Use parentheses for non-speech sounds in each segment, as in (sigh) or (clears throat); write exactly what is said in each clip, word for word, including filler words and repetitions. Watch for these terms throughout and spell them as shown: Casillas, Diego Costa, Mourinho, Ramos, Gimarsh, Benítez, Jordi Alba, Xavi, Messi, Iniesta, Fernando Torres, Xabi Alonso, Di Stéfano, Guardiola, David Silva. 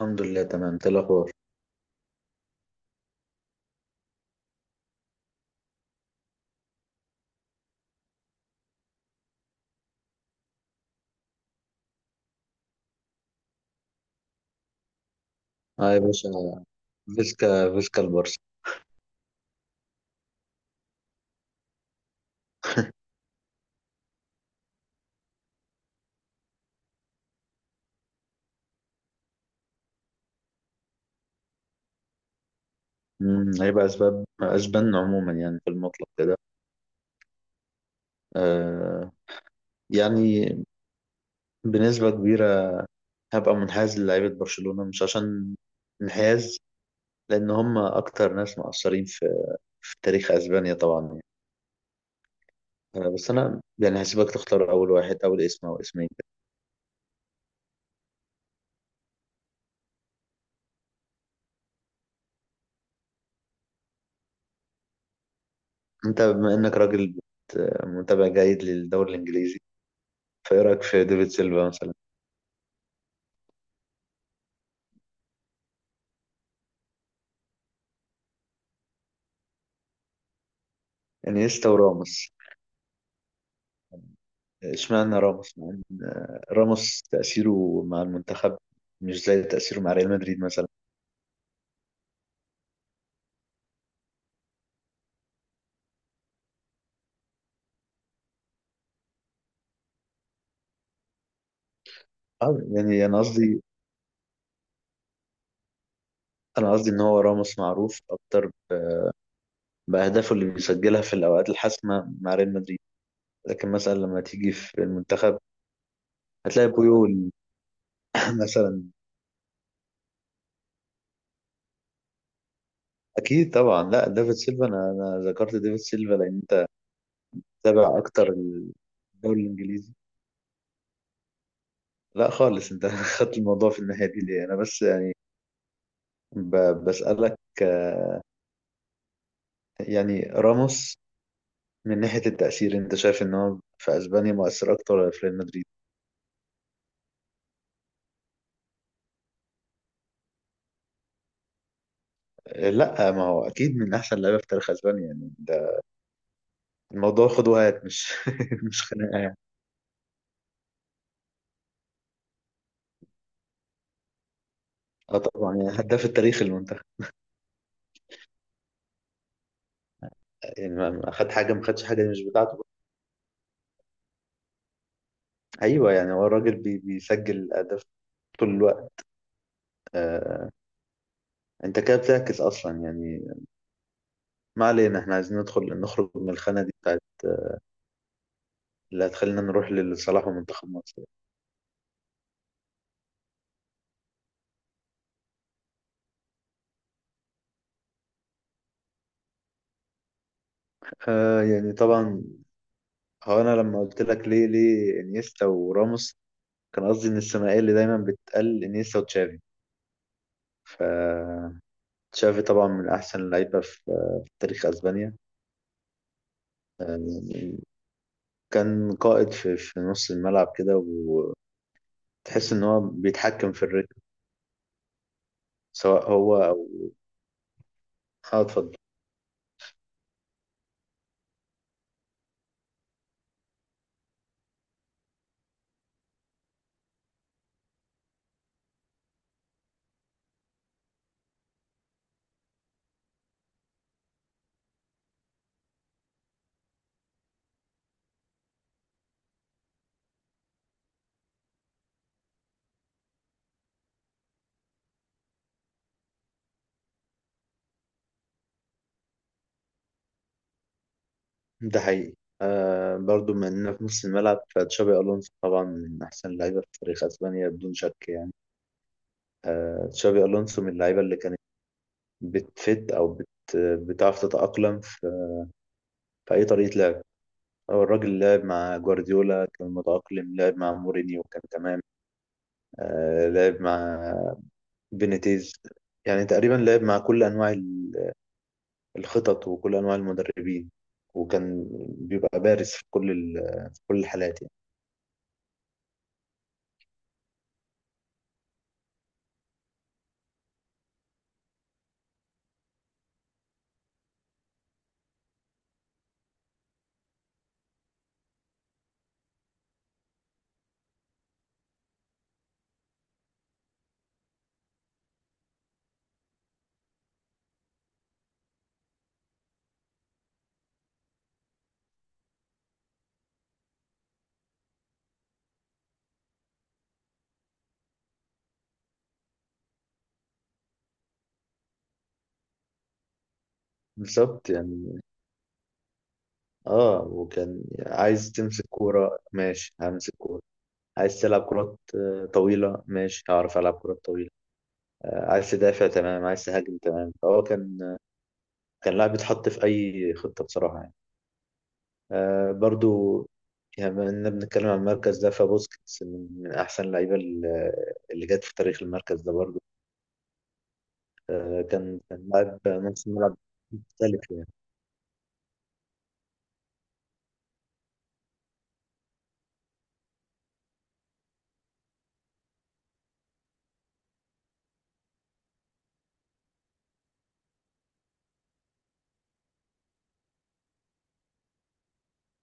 الحمد لله تمام. إنت إيه الاخبار؟ اه يا باشا، فيسكا فيسكا البارسا. أمم، هيبقى اسباب اسبان عموما، يعني في المطلق كده. آه يعني بنسبه كبيره هبقى منحاز للعيبه برشلونه، مش عشان انحياز، لان هم اكتر ناس مؤثرين في, في تاريخ اسبانيا طبعا يعني. آه بس انا يعني هسيبك تختار اول واحد، اول اسم او اسمين كده. انت بما انك راجل بت- متابع جيد للدوري الانجليزي، فايه رايك في ديفيد سيلفا مثلا؟ انيستا وراموس؟ اشمعنى راموس، مع إن راموس تأثيره مع المنتخب مش زي تأثيره مع ريال مدريد مثلا. آه، يعني أنا قصدي أنا قصدي إن هو راموس معروف أكتر ب- بأهدافه اللي بيسجلها في الأوقات الحاسمة مع ريال مدريد، لكن مثلا لما تيجي في المنتخب هتلاقي بويول. (coughs) (laughs) مثلا أكيد طبعا. لا ديفيد سيلفا، أنا أنا ذكرت ديفيد سيلفا لأن أنت تابع أكتر الدوري الإنجليزي. لا خالص، أنت (laughs) خدت الموضوع في الناحية دي ليه؟ أنا بس يعني ب- بسألك، آه، يعني راموس من ناحية التأثير، أنت شايف إن هو في أسبانيا مؤثر أكتر ولا في ريال مدريد؟ آه، لا ما هو أكيد من أحسن لعيبة في تاريخ أسبانيا يعني. ده الموضوع خد وهات، مش (laughs) مش خناقة يعني. أه طبعا يعني هداف التاريخ المنتخب. يعني ما ما خد حاجة ما خدش حاجة مش بتاعته. أيوه يعني هو الراجل بي بيسجل أهداف طول الوقت. آه، أنت كده بتعكس أصلا يعني. ما علينا، إحنا عايزين ندخل نخرج من الخانة دي بتاعت اللي هتخلينا نروح لصلاح ومنتخب مصر. آه يعني طبعا، هو انا لما قلت لك ليه ليه انيستا وراموس، كان قصدي ان الثنائيه اللي دايما بتقل انيستا وتشافي. ف تشافي طبعا من احسن اللعيبه في في تاريخ اسبانيا يعني. كان قائد في في نص الملعب كده، وتحس ان هو بيتحكم في الريتم، سواء هو او، اه اتفضل. ده حقيقي. آه برضو من إننا في نص الملعب، فتشابي ألونسو طبعا من أحسن اللعيبة في تاريخ أسبانيا بدون شك يعني. آه تشابي ألونسو من اللعيبة اللي كانت بتفت أو بت بتعرف تتأقلم في, في أي طريقة لعب. هو الراجل لعب مع جوارديولا كان متأقلم، لعب مع مورينيو كان تمام، آه لعب مع بينيتيز، يعني تقريبا لعب مع كل أنواع ال- الخطط وكل أنواع المدربين، وكان بيبقى بارز في كل ال- في كل الحالات يعني. بالظبط يعني. اه وكان عايز تمسك كورة ماشي، همسك كورة، عايز تلعب كرات آه، طويلة، ماشي هعرف ألعب كرات طويلة، آه، عايز تدافع تمام، عايز تهاجم تمام، فهو كان كان لاعب بيتحط في أي خطة بصراحة يعني. آه برضو يعني بما إننا بنتكلم عن المركز ده، فبوسكيتس من من أحسن اللعيبة اللي اللي جت في تاريخ المركز ده برضو. آه كان كان لاعب نص ملعب مختلف يعني.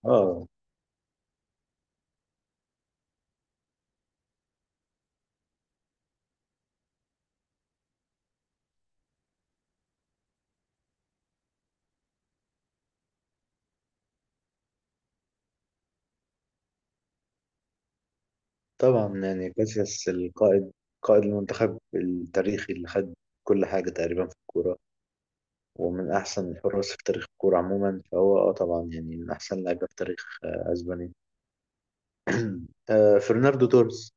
اه طبعا يعني كاسياس القائد، قائد المنتخب التاريخي اللي خد كل حاجة تقريبا في الكورة، ومن أحسن الحراس في تاريخ الكورة عموما، فهو اه طبعا يعني من أحسن لعيبة في تاريخ آه أسبانيا. (clears throat) آه فرناردو توريس.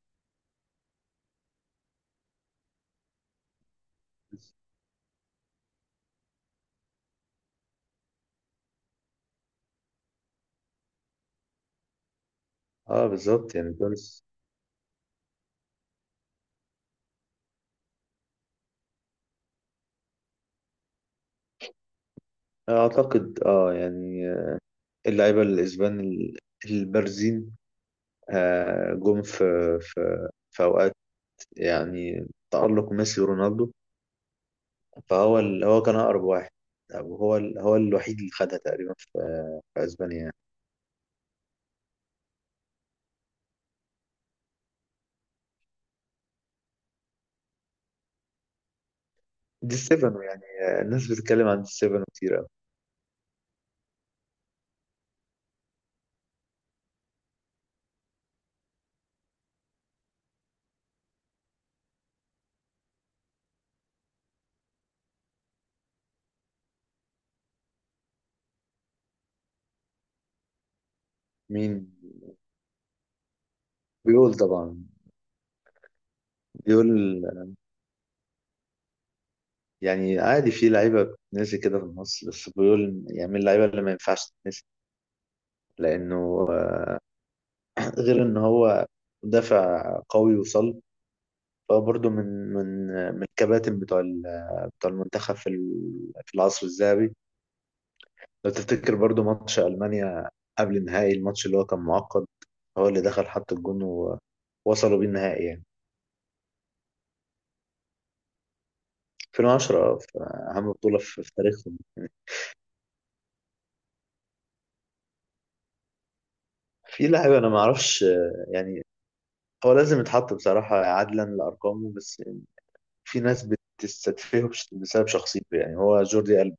اه بالظبط يعني تونس. اعتقد اه يعني اللعيبة الإسبان ال- البارزين آه، جم في في في أوقات يعني تألق ميسي ورونالدو، فهو ال- هو كان أقرب واحد، أو هو ال- هو الوحيد اللي خدها تقريبا في, في أسبانيا يعني. دي ستيفانو يعني، آه، الناس بتتكلم عن دي ستيفانو كتير أوي. مين؟ بيقول طبعا. بيقول يعني عادي في لعيبة بتنسي كده في مصر، بس بيقول يعني من اللعيبة اللي ما ينفعش تتنسي، لأنه آه، غير إن هو مدافع قوي وصلب، هو برضه من من من الكباتن بتوع ال- بتوع المنتخب في ال- في العصر الذهبي. لو تفتكر برضه ماتش ألمانيا قبل النهائي، الماتش اللي هو كان معقد، هو اللي دخل حط الجون ووصلوا بيه النهائي يعني. ألفين وعشرة في أهم بطولة في في تاريخهم. في لاعب أنا ما أعرفش آه، يعني هو لازم يتحط بصراحة عدلا لأرقامه، بس في ناس بتستدفيه بش- بسبب شخصيته، يعني هو جوردي ألب.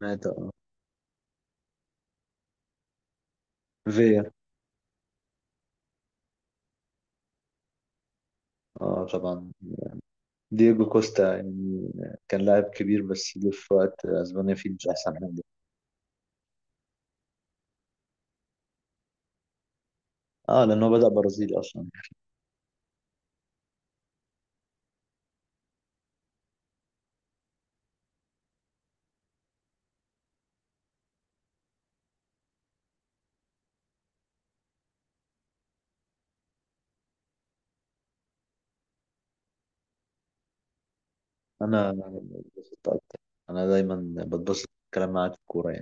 مات اه. فيا، اه طبعا. دييجو كوستا يعني كان لاعب كبير، بس جه في وقت اسبانيا فيه مش احسن حاجه. اه لان هو بدأ برازيلي اصلا. انا بتبسط اكتر، انا دايما بتبسط الكلام معاك في الكوره.